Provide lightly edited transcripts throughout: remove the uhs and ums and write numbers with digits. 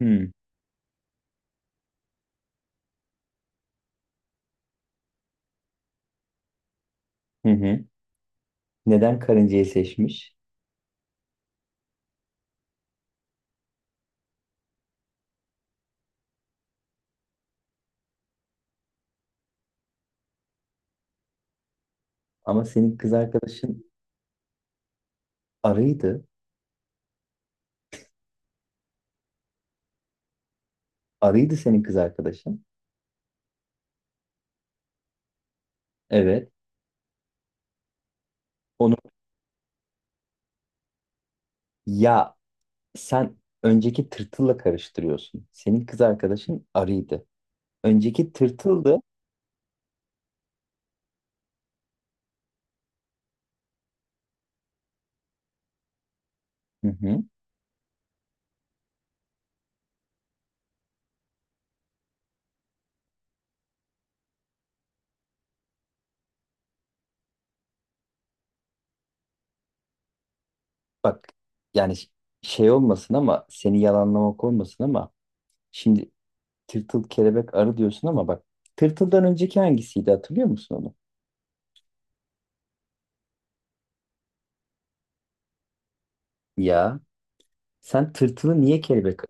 Hmm. Hı hı. Neden karıncayı seçmiş? Ama senin kız arkadaşın arıydı. Arıydı senin kız arkadaşın. Evet. Onu ya sen önceki tırtılla karıştırıyorsun. Senin kız arkadaşın arıydı. Önceki tırtıldı. Hı hı. Bak yani şey olmasın ama seni yalanlamak olmasın ama şimdi tırtıl, kelebek, arı diyorsun ama bak, tırtıldan önceki hangisiydi hatırlıyor musun onu? Ya sen tırtılı niye kelebek...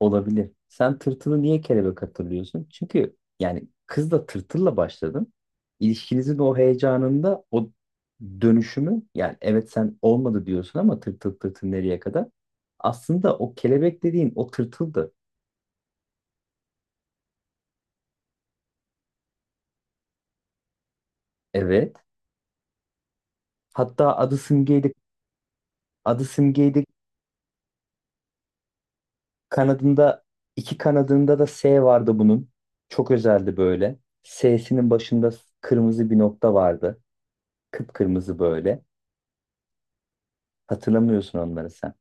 Olabilir. Sen tırtılı niye kelebek hatırlıyorsun? Çünkü yani kızla, tırtılla başladın. İlişkinizin o heyecanında o dönüşümü, yani evet sen olmadı diyorsun ama tırtıl tırtıl nereye kadar? Aslında o kelebek dediğin o tırtıldı. Evet. Hatta adı simgeydi. Adı simgeydi. Kanadında, iki kanadında da S vardı bunun. Çok özeldi böyle. S'sinin başında kırmızı bir nokta vardı. Kıpkırmızı böyle. Hatırlamıyorsun onları sen.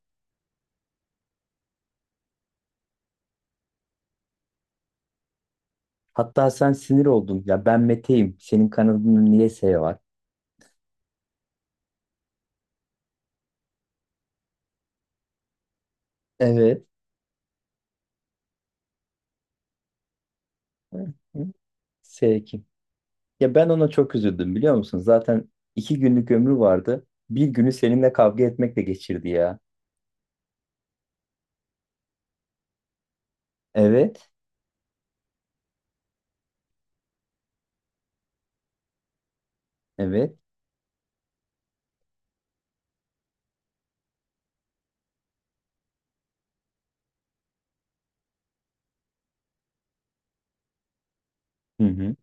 Hatta sen sinir oldun. Ya ben Mete'yim. Senin kanadında niye S var? Evet. Hı hı. S kim? Ya ben ona çok üzüldüm biliyor musun? Zaten iki günlük ömrü vardı. Bir günü seninle kavga etmekle geçirdi ya. Evet. Evet. Hı hı.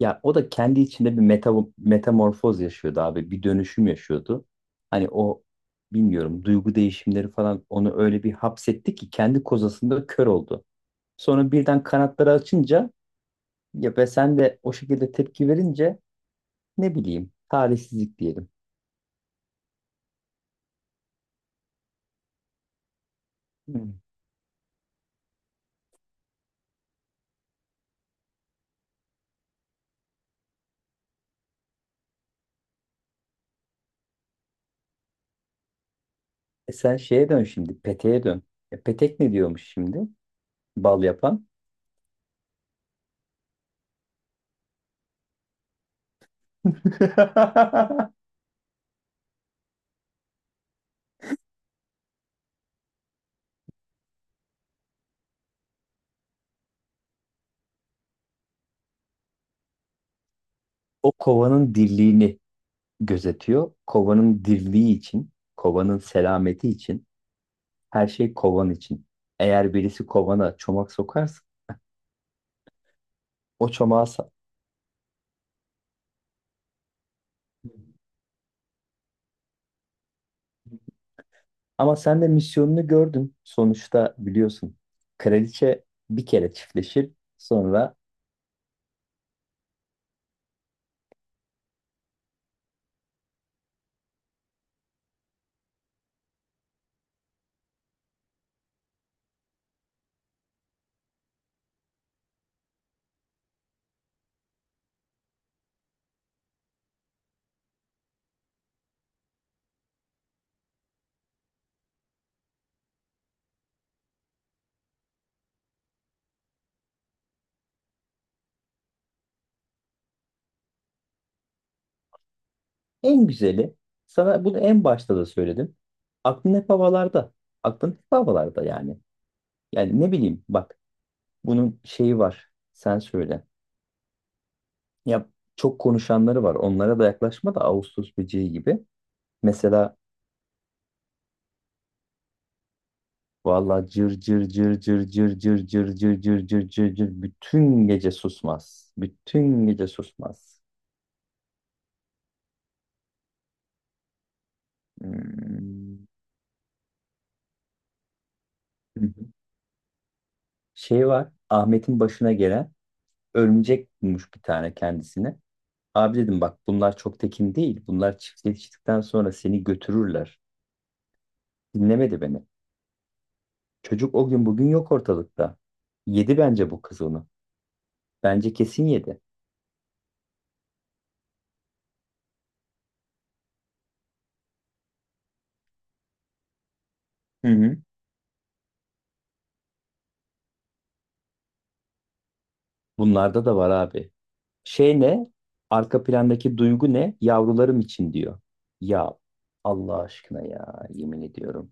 Ya o da kendi içinde bir metamorfoz yaşıyordu abi. Bir dönüşüm yaşıyordu. Hani o, bilmiyorum, duygu değişimleri falan onu öyle bir hapsetti ki kendi kozasında kör oldu. Sonra birden kanatları açınca, ya ve sen de o şekilde tepki verince, ne bileyim, talihsizlik diyelim. Hmm. E sen şeye dön şimdi, peteğe dön. E petek ne diyormuş şimdi? Bal yapan. O kovanın dirliğini gözetiyor. Kovanın dirliği için, kovanın selameti için, her şey kovan için. Eğer birisi kovana çomak sokarsa o ama sen de misyonunu gördün. Sonuçta biliyorsun. Kraliçe bir kere çiftleşir. Sonra... En güzeli, sana bunu en başta da söyledim. Aklın hep havalarda. Aklın hep havalarda yani. Yani ne bileyim bak, bunun şeyi var. Sen söyle. Ya çok konuşanları var. Onlara da yaklaşma, da Ağustos böceği gibi. Mesela valla cır cır cır cır cır cır cır cır cır cır cır cır bütün gece susmaz. Bütün gece susmaz. Hmm. Şey var, Ahmet'in başına gelen: örümcek bulmuş bir tane kendisine. Abi dedim bak, bunlar çok tekin değil. Bunlar çiftleştikten sonra seni götürürler. Dinlemedi beni. Çocuk o gün bugün yok ortalıkta. Yedi bence bu kız onu. Bence kesin yedi. Hı hı. Bunlarda da var abi. Şey ne? Arka plandaki duygu ne? Yavrularım için diyor. Ya Allah aşkına ya, yemin ediyorum.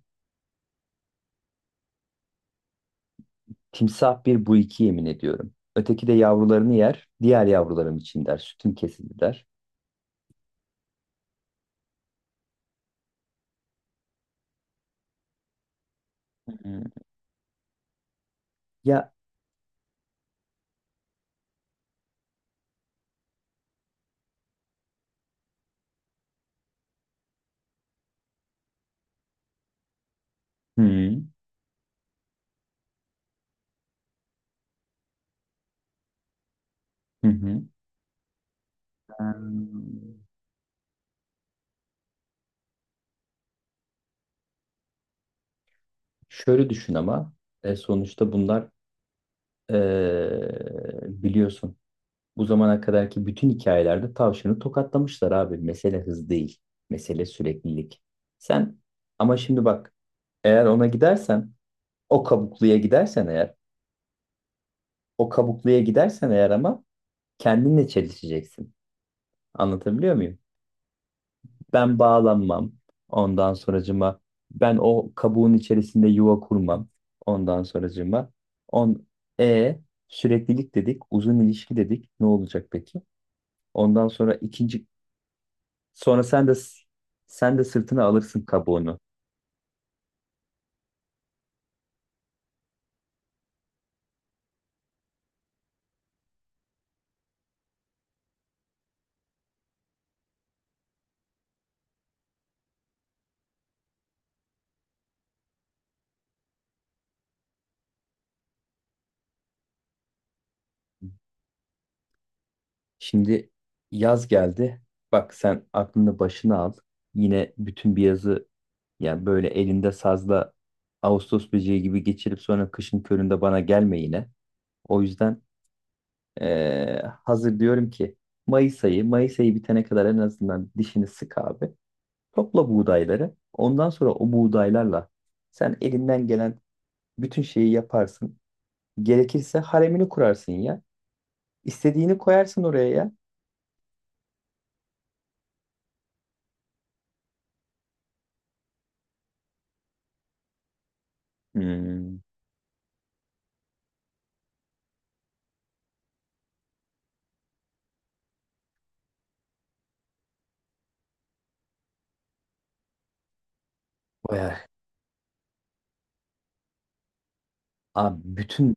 Timsah bir, bu iki, yemin ediyorum. Öteki de yavrularını yer. Diğer yavrularım için der. Sütüm kesildi der. Hı, ya hı. Hı hı. Hmm. Şöyle düşün ama, sonuçta bunlar, biliyorsun, bu zamana kadarki bütün hikayelerde tavşanı tokatlamışlar abi. Mesele hız değil. Mesele süreklilik. Sen, ama şimdi bak, eğer ona gidersen, o kabukluya gidersen eğer, o kabukluya gidersen eğer ama kendinle çelişeceksin. Anlatabiliyor muyum? Ben bağlanmam. Ondan sonracıma ben o kabuğun içerisinde yuva kurmam. Ondan sonracıma on e süreklilik dedik, uzun ilişki dedik. Ne olacak peki? Ondan sonra ikinci, sonra sen de, sen de sırtına alırsın kabuğunu. Şimdi yaz geldi. Bak sen aklını başına al. Yine bütün bir yazı, yani böyle elinde sazla Ağustos böceği gibi geçirip sonra kışın köründe bana gelme yine. O yüzden... hazır diyorum ki Mayıs ayı, Mayıs ayı bitene kadar en azından dişini sık abi. Topla buğdayları. Ondan sonra o buğdaylarla sen elinden gelen bütün şeyi yaparsın. Gerekirse haremini kurarsın ya. İstediğini koyarsın oraya ya. Hmm. Bayağı. Abi bütün,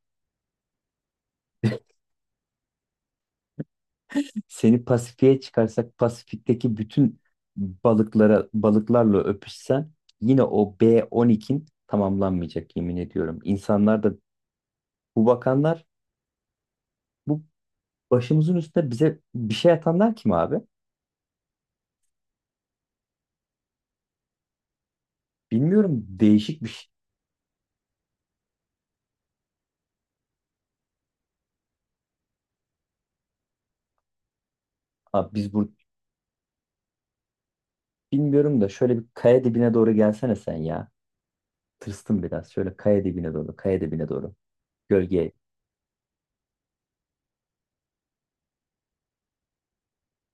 seni Pasifik'e çıkarsak Pasifik'teki bütün balıklara, balıklarla öpüşsen yine o B12'in tamamlanmayacak, yemin ediyorum. İnsanlar da, bu bakanlar, bu başımızın üstüne bize bir şey atanlar kim abi? Bilmiyorum, değişik bir şey. Abi biz bu, bilmiyorum da, şöyle bir kaya dibine doğru gelsene sen ya. Tırstım biraz. Şöyle kaya dibine doğru, kaya dibine doğru. Gölge.